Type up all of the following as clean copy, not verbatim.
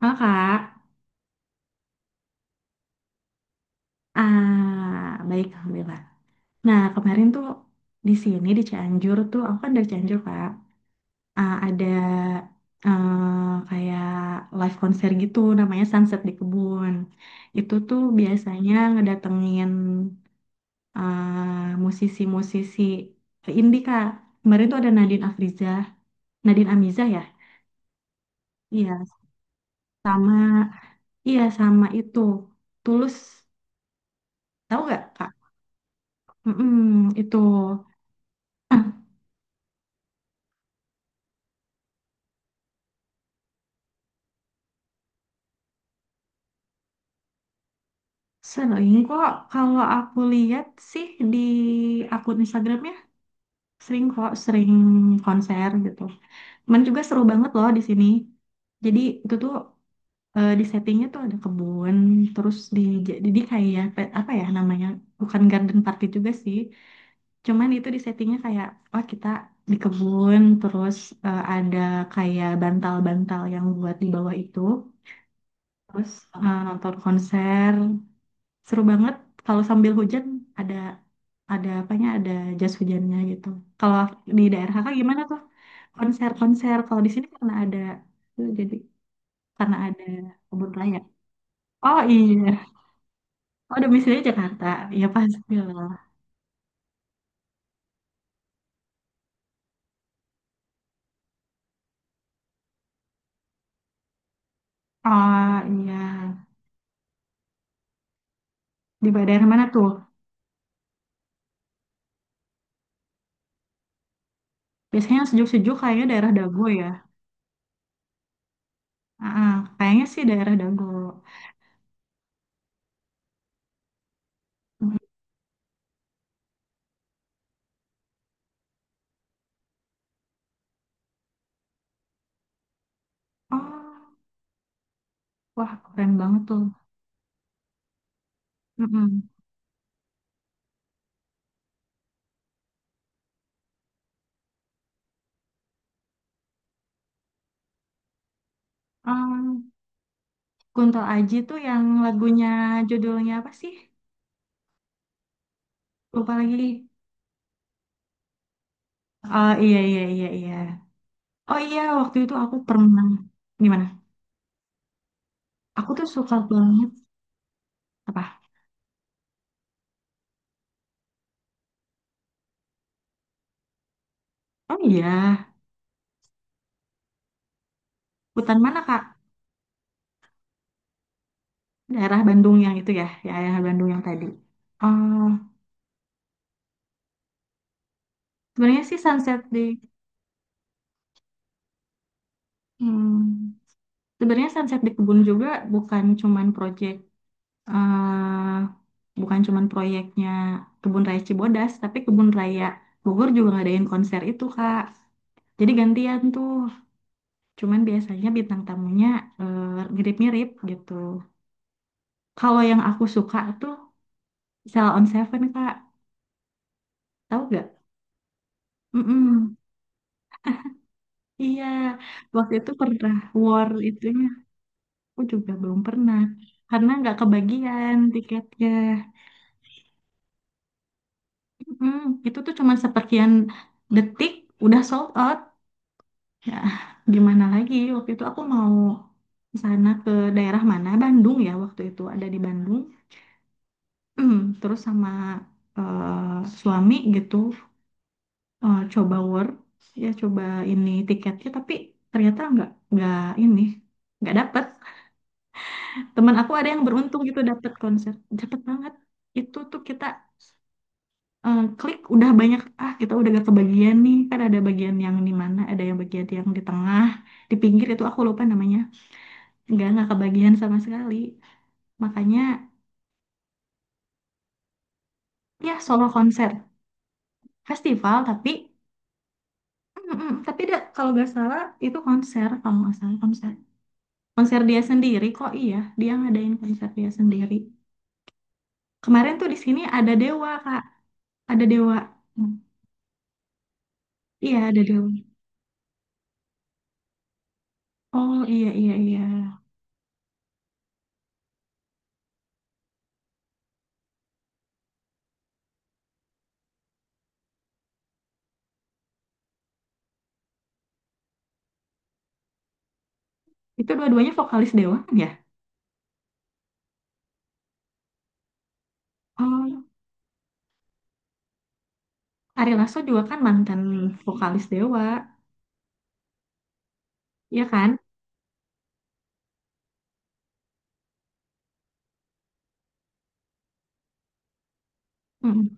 Halo Kak, baik Alhamdulillah. Nah kemarin tuh di sini di Cianjur tuh, aku kan dari Cianjur Kak, Ah, ada kayak live konser gitu namanya Sunset di Kebun. Itu tuh biasanya ngedatengin musisi-musisi indie Kak. Kemarin tuh ada Nadine Afrizah, Nadine Amizah ya? Iya, sama iya sama itu Tulus, tahu nggak Kak? Mm-mm, itu. Sering kok, kalau aku lihat sih di akun Instagramnya, sering kok, sering konser gitu. Cuman juga seru banget loh di sini. Jadi itu tuh di settingnya tuh ada kebun, terus di jadi kayak apa ya namanya, bukan garden party juga sih. Cuman itu di settingnya kayak, oh kita di kebun, terus ada kayak bantal-bantal yang buat di bawah itu, terus nonton konser. Seru banget kalau sambil hujan ada ada apanya ada jas hujannya gitu kalau di daerah kakak gimana tuh konser-konser kalau di sini karena ada tuh jadi karena ada kebun raya. Oh iya, oh domisili Jakarta ya pasti lah. Oh iya, di daerah mana tuh biasanya yang sejuk-sejuk kayaknya daerah Dago ya. Ah, ah, kayaknya sih daerah Dago. Mm, oh wah keren banget tuh. Mm-mm. Oh. Kunto Aji tuh yang lagunya judulnya apa sih? Lupa lagi. Oh iya iya iya iya. Oh iya waktu itu aku pernah gimana? Aku tuh suka banget apa? Oh iya, hutan mana Kak? Daerah Bandung yang itu ya, ya daerah Bandung yang tadi. Oh, sebenarnya sih sunset di hmm, sebenarnya sunset di kebun juga bukan cuman project eh bukan cuman proyeknya Kebun Raya Cibodas, tapi Kebun Raya Bogor juga ngadain konser itu Kak. Jadi gantian tuh, cuman biasanya bintang tamunya eh, mirip-mirip gitu. Kalau yang aku suka tuh Sell on Seven Kak, tahu gak? Mm-mm. Iya, waktu itu pernah war itunya, aku juga belum pernah karena nggak kebagian tiketnya. Mm, itu tuh cuma seperkian detik udah sold out. Ya, gimana lagi? Waktu itu aku mau sana ke daerah mana? Bandung ya waktu itu ada di Bandung. Mm, terus sama suami gitu coba work ya coba ini tiketnya tapi ternyata nggak ini nggak dapet teman aku ada yang beruntung gitu dapet konser dapet banget itu tuh kita klik udah banyak ah kita udah gak kebagian nih kan ada bagian yang di mana ada yang bagian yang di tengah di pinggir itu aku lupa namanya nggak kebagian sama sekali makanya ya solo konser festival tapi Mm-mm. Tapi da, kalau nggak salah itu konser kalau nggak salah konser konser dia sendiri kok iya dia ngadain konser dia sendiri kemarin tuh di sini ada Dewa Kak ada Dewa. Hmm, iya ada Dewa oh iya iya iya itu dua-duanya vokalis Dewa kan ya oh Ari Lasso juga kan mantan vokalis Dewa ya kan. Mm-mm.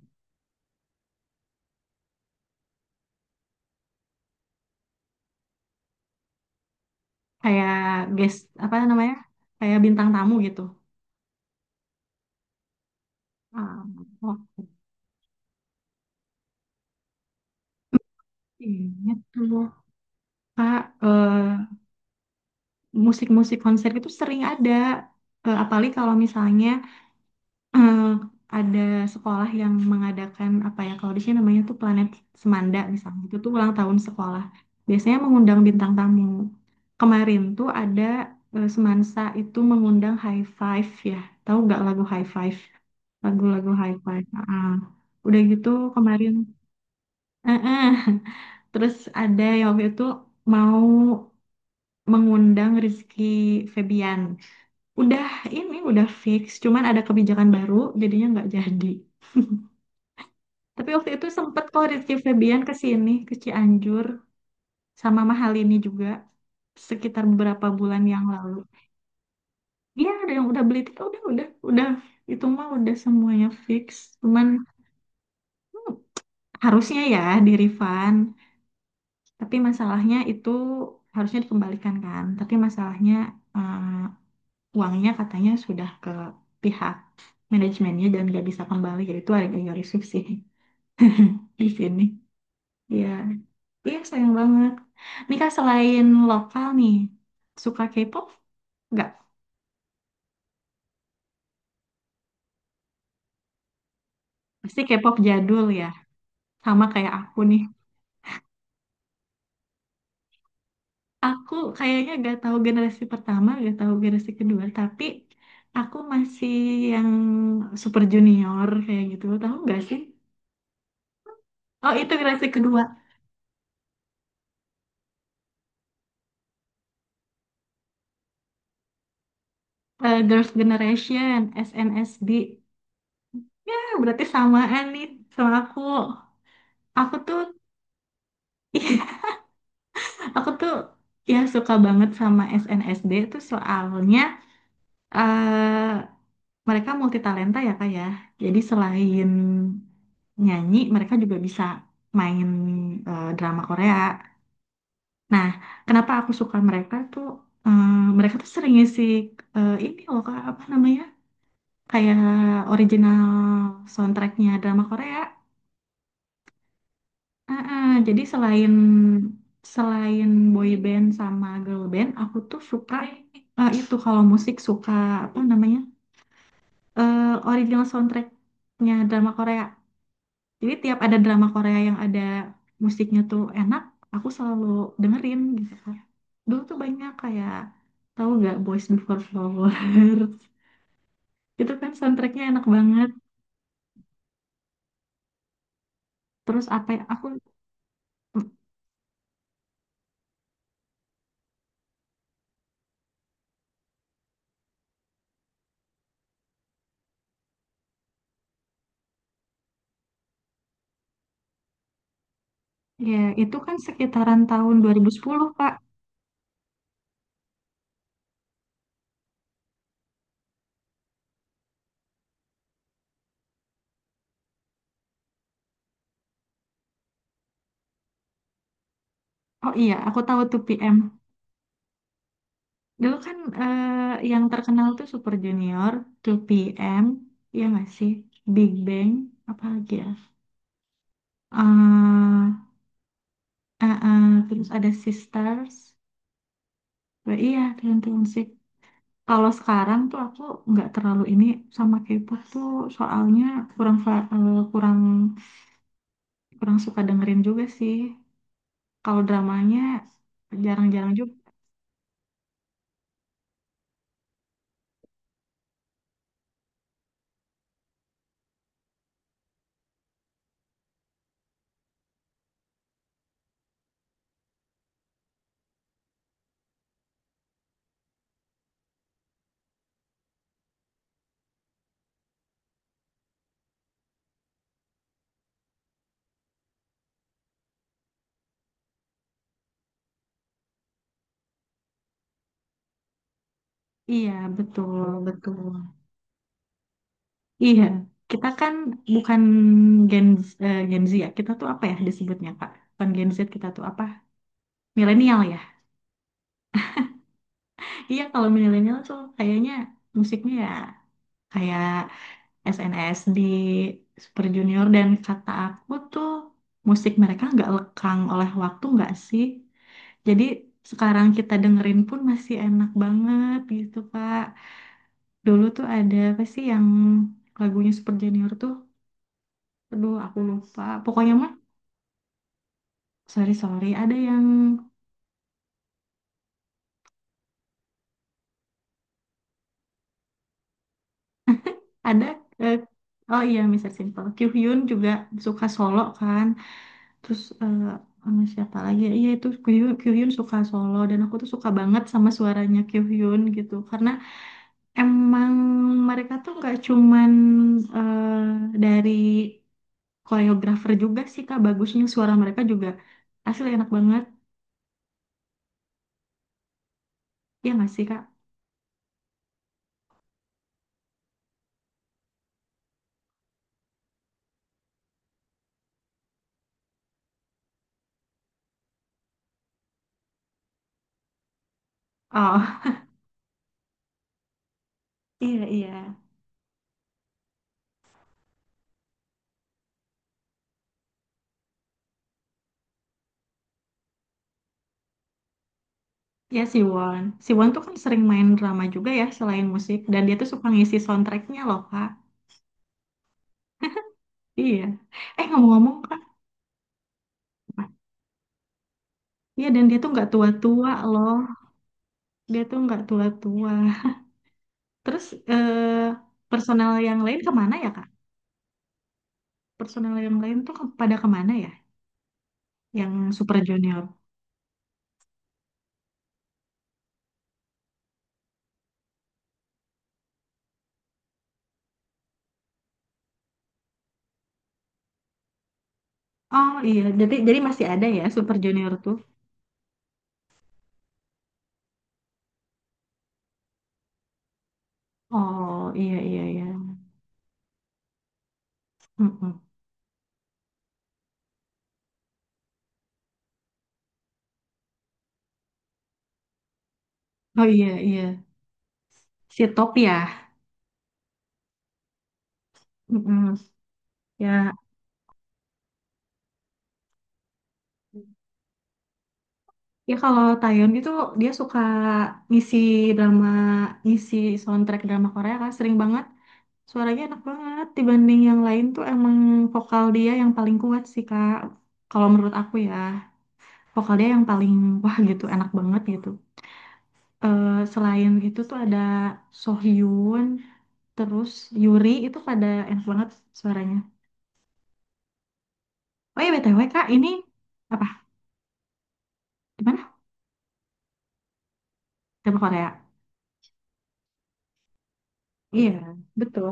Kayak guest apa namanya kayak bintang tamu gitu ah, oh, ingat tuh Kak musik-musik konser itu sering ada. Eh, apalagi kalau misalnya eh, ada sekolah yang mengadakan apa ya, kalau di sini namanya tuh Planet Semanda misalnya. Itu tuh ulang tahun sekolah. Biasanya mengundang bintang tamu. Kemarin tuh ada Semansa itu mengundang High Five ya. Tahu nggak lagu High Five? Lagu-lagu High Five. Ah, udah gitu kemarin. eh, eh. Terus ada yang waktu itu mau mengundang Rizky Febian. Udah ini udah fix, cuman ada kebijakan baru jadinya nggak jadi. Tapi waktu itu sempet kok Rizky Febian ke sini, ke Cianjur sama mahal ini juga sekitar beberapa bulan yang lalu. Iya, ada yang udah beli tiket, udah itu mah udah semuanya fix. Cuman hmm, harusnya ya di refund, tapi masalahnya itu harusnya dikembalikan kan. Tapi masalahnya eh, uangnya katanya sudah ke pihak manajemennya dan nggak bisa kembali, yaitu ada yang risih sih. Di sini, iya, iya sayang banget. Nika selain lokal nih, suka K-pop? Nggak, pasti K-pop jadul ya. Sama kayak aku nih. Aku kayaknya gak tahu generasi pertama, gak tahu generasi kedua, tapi aku masih yang super junior kayak gitu. Tahu nggak sih? Oh, itu generasi kedua. Eh, Girls' Generation, SNSD. Eh, berarti samaan nih sama aku. Aku tuh aku tuh ya suka banget sama SNSD tuh soalnya eh mereka multi talenta ya kak ya. Jadi selain nyanyi, mereka juga bisa main drama Korea. Nah, kenapa aku suka mereka tuh? eh, Mereka tuh sering ngisi ini loh kak apa namanya kayak original soundtracknya drama Korea. Ah, jadi selain selain boy band sama girl band, aku tuh suka itu kalau musik suka apa namanya eh, original soundtracknya drama Korea. Jadi tiap ada drama Korea yang ada musiknya tuh enak, aku selalu dengerin gitu. Kan. Dulu tuh banyak kayak tahu nggak Boys Before Flowers itu kan soundtracknya enak banget. Terus apa ya? Aku ya itu kan sekitaran tahun 2010 Kak. Oh iya, aku tahu tuh PM. Dulu kan yang terkenal tuh Super Junior, 2PM, ya nggak sih? Big Bang, apa lagi ya? Eh, eh, eh, terus ada Sisters. Wah, iya, tergantung musik. Kalau sekarang tuh aku nggak terlalu ini sama K-pop tuh soalnya eh, kurang kurang suka dengerin juga sih. Kalau dramanya jarang-jarang juga. Iya, betul, betul. Iya, kita kan bukan Gen, Gen Z ya, kita tuh apa ya disebutnya Kak? Bukan Gen Z, kita tuh apa? Milenial ya? Iya, kalau milenial tuh kayaknya musiknya ya kayak SNSD, Super Junior, dan kata aku tuh musik mereka nggak lekang oleh waktu nggak sih? Jadi sekarang kita dengerin pun masih enak banget gitu Kak. Dulu tuh ada apa sih yang lagunya Super Junior tuh? Aduh, aku lupa. Pokoknya mah sorry sorry ada yang ada eh, oh iya Mr. Simple Kyuhyun juga suka solo kan terus sama siapa lagi iya itu Kyuhyun, Kyuhyun suka solo dan aku tuh suka banget sama suaranya Kyuhyun gitu karena emang mereka tuh nggak cuman dari koreografer juga sih kak bagusnya suara mereka juga asli enak banget ya nggak sih kak. Oh iya iya. Ya Siwon, Siwon tuh kan sering main drama juga ya selain musik. Dan dia tuh suka ngisi soundtracknya loh kak. Iya. Eh ngomong-ngomong kak. Apa? Iya dan dia tuh nggak tua-tua loh. Dia tuh nggak tua-tua. Terus eh, personel yang lain kemana ya kak? Personel yang lain tuh pada kemana ya? Yang Super Junior. Oh iya. Jadi masih ada ya Super Junior tuh. Oh iya iya iya. Mm-mm. Oh iya iya. Si Top ya. Mm-mm. Ya ya kalau Taeyeon itu dia suka ngisi drama, ngisi soundtrack drama Korea kan sering banget. Suaranya enak banget dibanding yang lain tuh emang vokal dia yang paling kuat sih Kak. Kalau menurut aku ya, vokal dia yang paling wah gitu, enak banget gitu. Eh selain itu tuh ada Sohyun, terus Yuri itu pada enak banget suaranya. Oh iya BTW Kak, ini apa? Di mana? Drama Korea. Iya, betul.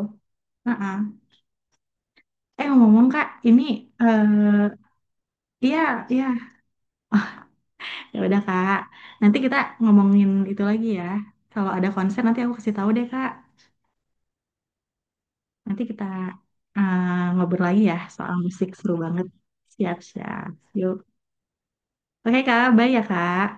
Heeh. Eh ngomong Kak, ini eh, iya, iya. Oh, ya udah Kak. Nanti kita ngomongin itu lagi ya. Kalau ada konser nanti aku kasih tahu deh Kak. Nanti kita eh, ngobrol lagi ya soal musik seru banget. Siap-siap. Yuk. Oke Kak, bye ya Kak.